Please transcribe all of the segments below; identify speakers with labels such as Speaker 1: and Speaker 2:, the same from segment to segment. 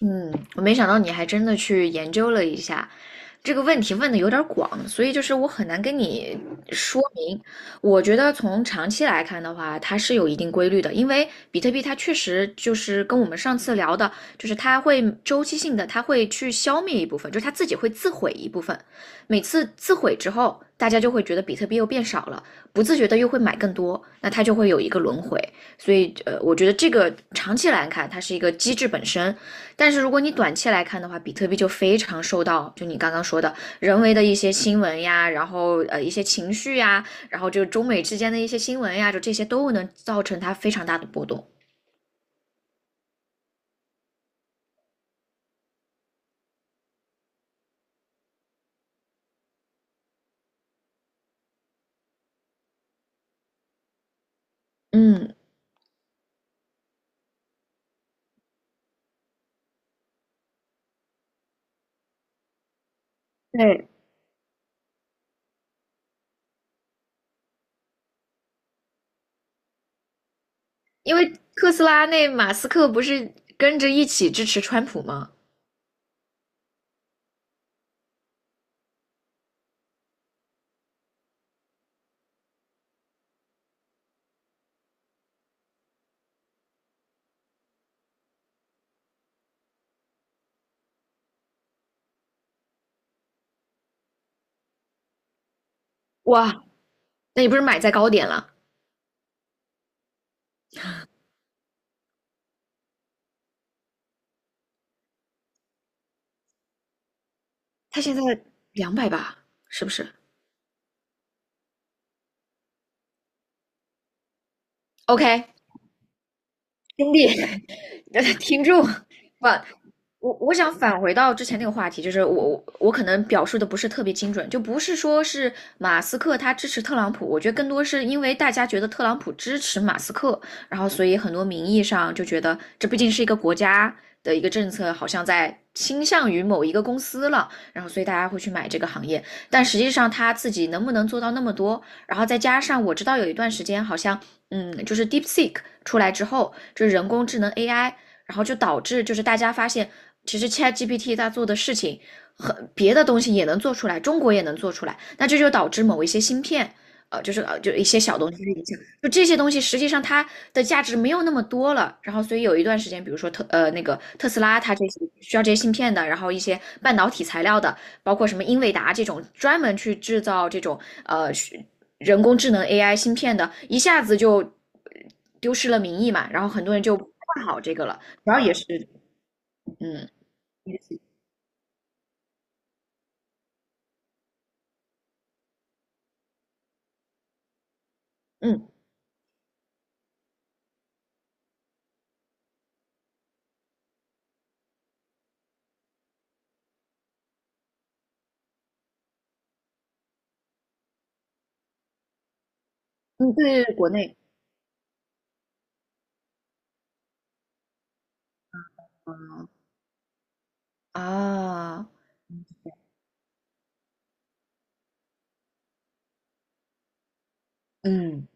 Speaker 1: 嗯，我没想到你还真的去研究了一下这个问题，问的有点儿广，所以就是我很难跟你说明。我觉得从长期来看的话，它是有一定规律的，因为比特币它确实就是跟我们上次聊的，就是它会周期性的，它会去消灭一部分，就是它自己会自毁一部分。每次自毁之后，大家就会觉得比特币又变少了，不自觉的又会买更多，那它就会有一个轮回。所以，我觉得这个长期来看，它是一个机制本身。但是如果你短期来看的话，比特币就非常受到就你刚刚说的人为的一些新闻呀，然后一些情绪呀，然后就中美之间的一些新闻呀，就这些都能造成它非常大的波动。嗯，对，因为特斯拉那马斯克不是跟着一起支持川普吗？哇，那你不是买在高点了？他现在两百吧，是不是？OK,兄弟，听众，不，我想返回到之前那个话题，就是我可能表述的不是特别精准，就不是说是马斯克他支持特朗普，我觉得更多是因为大家觉得特朗普支持马斯克，然后所以很多名义上就觉得这毕竟是一个国家的一个政策，好像在倾向于某一个公司了，然后所以大家会去买这个行业，但实际上他自己能不能做到那么多，然后再加上我知道有一段时间好像。嗯，就是 DeepSeek 出来之后，就是人工智能 AI，然后就导致就是大家发现，其实 ChatGPT 它做的事情很别的东西也能做出来，中国也能做出来，那这就导致某一些芯片，就是就一些小东西的影响，就这些东西实际上它的价值没有那么多了。然后所以有一段时间，比如说那个特斯拉，它这些需要这些芯片的，然后一些半导体材料的，包括什么英伟达这种专门去制造这种呃人工智能 AI 芯片的，一下子就丢失了名义嘛，然后很多人就不看好这个了。主要也是，嗯嗯嗯，对对对，国内，啊啊，嗯，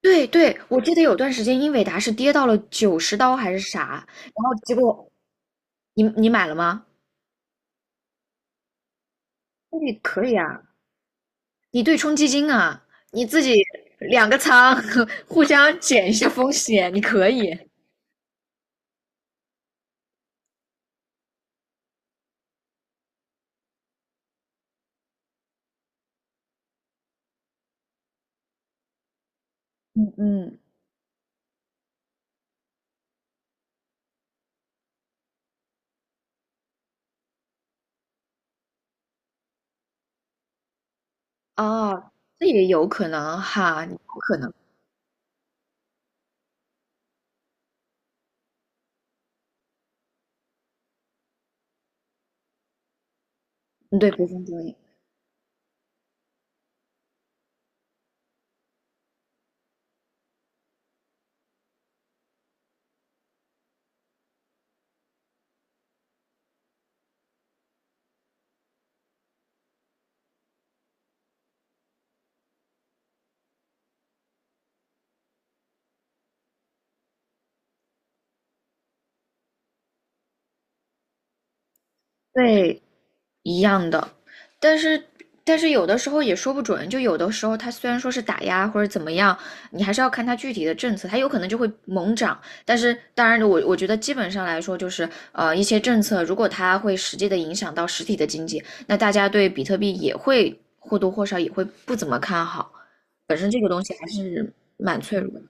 Speaker 1: 对对，我记得有段时间英伟达是跌到了九十刀还是啥，然后结果你买了吗？那可以啊，你对冲基金啊，你自己两个仓 互相减一下风险，你可以。嗯嗯，哦，这也有可能哈，有可能，嗯对，不分交易，对，一样的，但是但是有的时候也说不准，就有的时候它虽然说是打压或者怎么样，你还是要看它具体的政策，它有可能就会猛涨。但是当然我觉得基本上来说，就是一些政策，如果它会实际的影响到实体的经济，那大家对比特币也会或多或少也会不怎么看好。本身这个东西还是蛮脆弱的。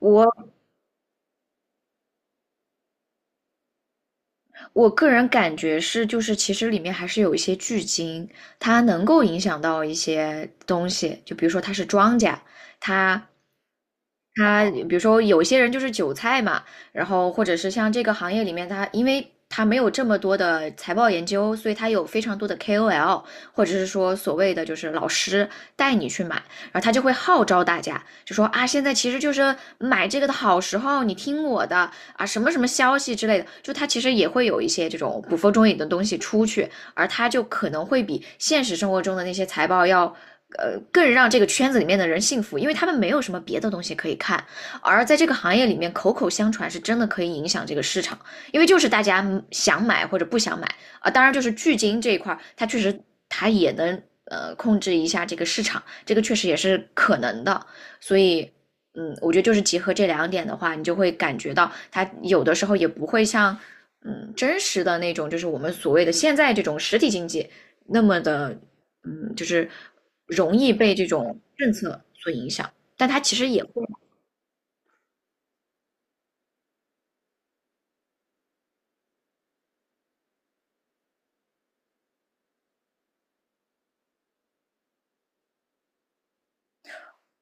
Speaker 1: 我我个人感觉是，就是其实里面还是有一些巨鲸，它能够影响到一些东西，就比如说它是庄稼，它他比如说有些人就是韭菜嘛，然后或者是像这个行业里面他，因为他没有这么多的财报研究，所以他有非常多的 KOL，或者是说所谓的就是老师带你去买，然后他就会号召大家，就说啊，现在其实就是买这个的好时候，你听我的啊，什么什么消息之类的，就他其实也会有一些这种捕风捉影的东西出去，而他就可能会比现实生活中的那些财报要更让这个圈子里面的人幸福，因为他们没有什么别的东西可以看。而在这个行业里面，口口相传是真的可以影响这个市场，因为就是大家想买或者不想买啊。当然，就是巨金这一块它确实它也能控制一下这个市场，这个确实也是可能的。所以，我觉得就是结合这两点的话，你就会感觉到它有的时候也不会像真实的那种，就是我们所谓的现在这种实体经济那么的就是容易被这种政策所影响，但它其实也会，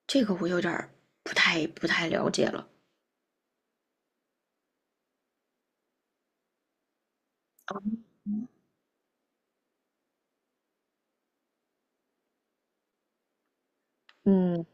Speaker 1: 这个我有点儿不太了解了。嗯，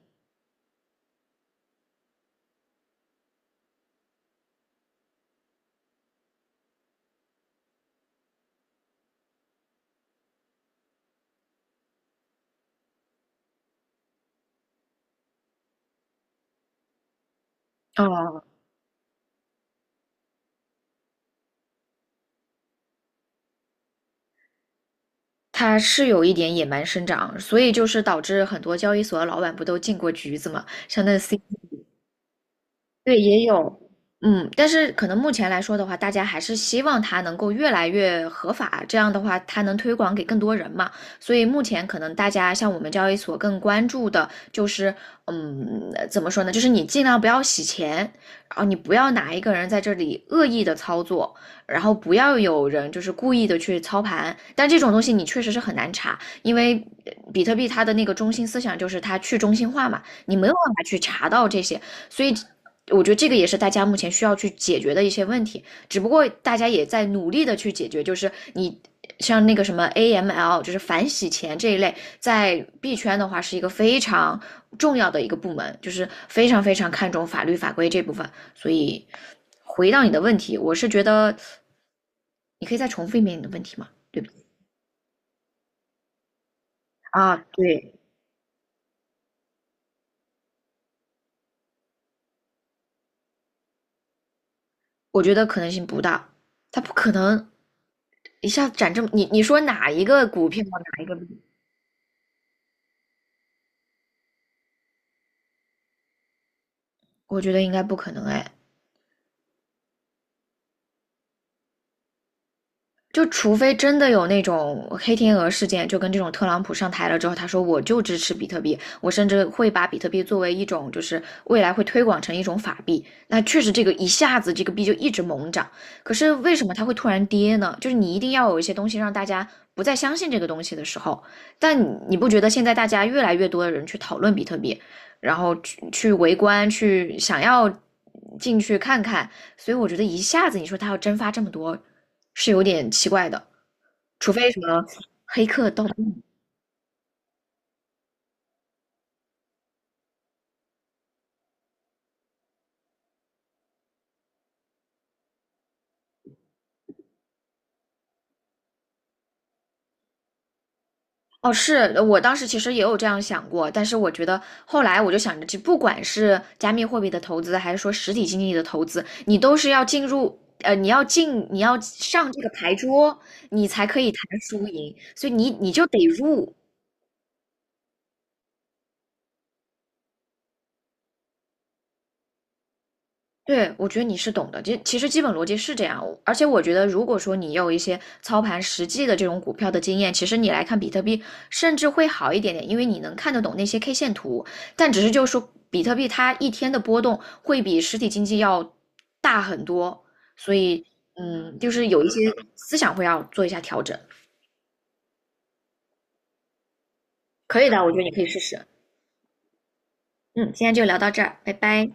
Speaker 1: 哦，它是有一点野蛮生长，所以就是导致很多交易所的老板不都进过局子嘛，像那 C, 对，也有，嗯，但是可能目前来说的话，大家还是希望它能够越来越合法，这样的话它能推广给更多人嘛。所以目前可能大家像我们交易所更关注的就是，嗯，怎么说呢？就是你尽量不要洗钱，然后你不要哪一个人在这里恶意的操作，然后不要有人就是故意的去操盘。但这种东西你确实是很难查，因为比特币它的那个中心思想就是它去中心化嘛，你没有办法去查到这些，所以。我觉得这个也是大家目前需要去解决的一些问题，只不过大家也在努力的去解决，就是你。像那个什么 AML，就是反洗钱这一类，在币圈的话是一个非常重要的一个部门，就是非常非常看重法律法规这部分。所以回到你的问题，我是觉得你可以再重复一遍你的问题嘛，对不对？啊，对，我觉得可能性不大，它不可能一下涨这么。你说哪一个股票，哪一个我觉得应该不可能哎。就除非真的有那种黑天鹅事件，就跟这种特朗普上台了之后，他说我就支持比特币，我甚至会把比特币作为一种就是未来会推广成一种法币。那确实这个一下子这个币就一直猛涨，可是为什么它会突然跌呢？就是你一定要有一些东西让大家不再相信这个东西的时候，但你不觉得现在大家越来越多的人去讨论比特币，然后去围观，去想要进去看看。所以我觉得一下子你说他要蒸发这么多，是有点奇怪的，除非什么黑客盗墓。哦，是我当时其实也有这样想过，但是我觉得后来我就想着，这不管是加密货币的投资，还是说实体经济的投资，你都是要进入。你要进，你要上这个牌桌，你才可以谈输赢，所以你就得入，对，我觉得你是懂的，就其实基本逻辑是这样。而且我觉得，如果说你有一些操盘实际的这种股票的经验，其实你来看比特币甚至会好一点点，因为你能看得懂那些 K 线图。但只是就是说，比特币它一天的波动会比实体经济要大很多，所以就是有一些思想会要做一下调整。可以的，我觉得你可以试试。嗯，今天就聊到这儿，拜拜。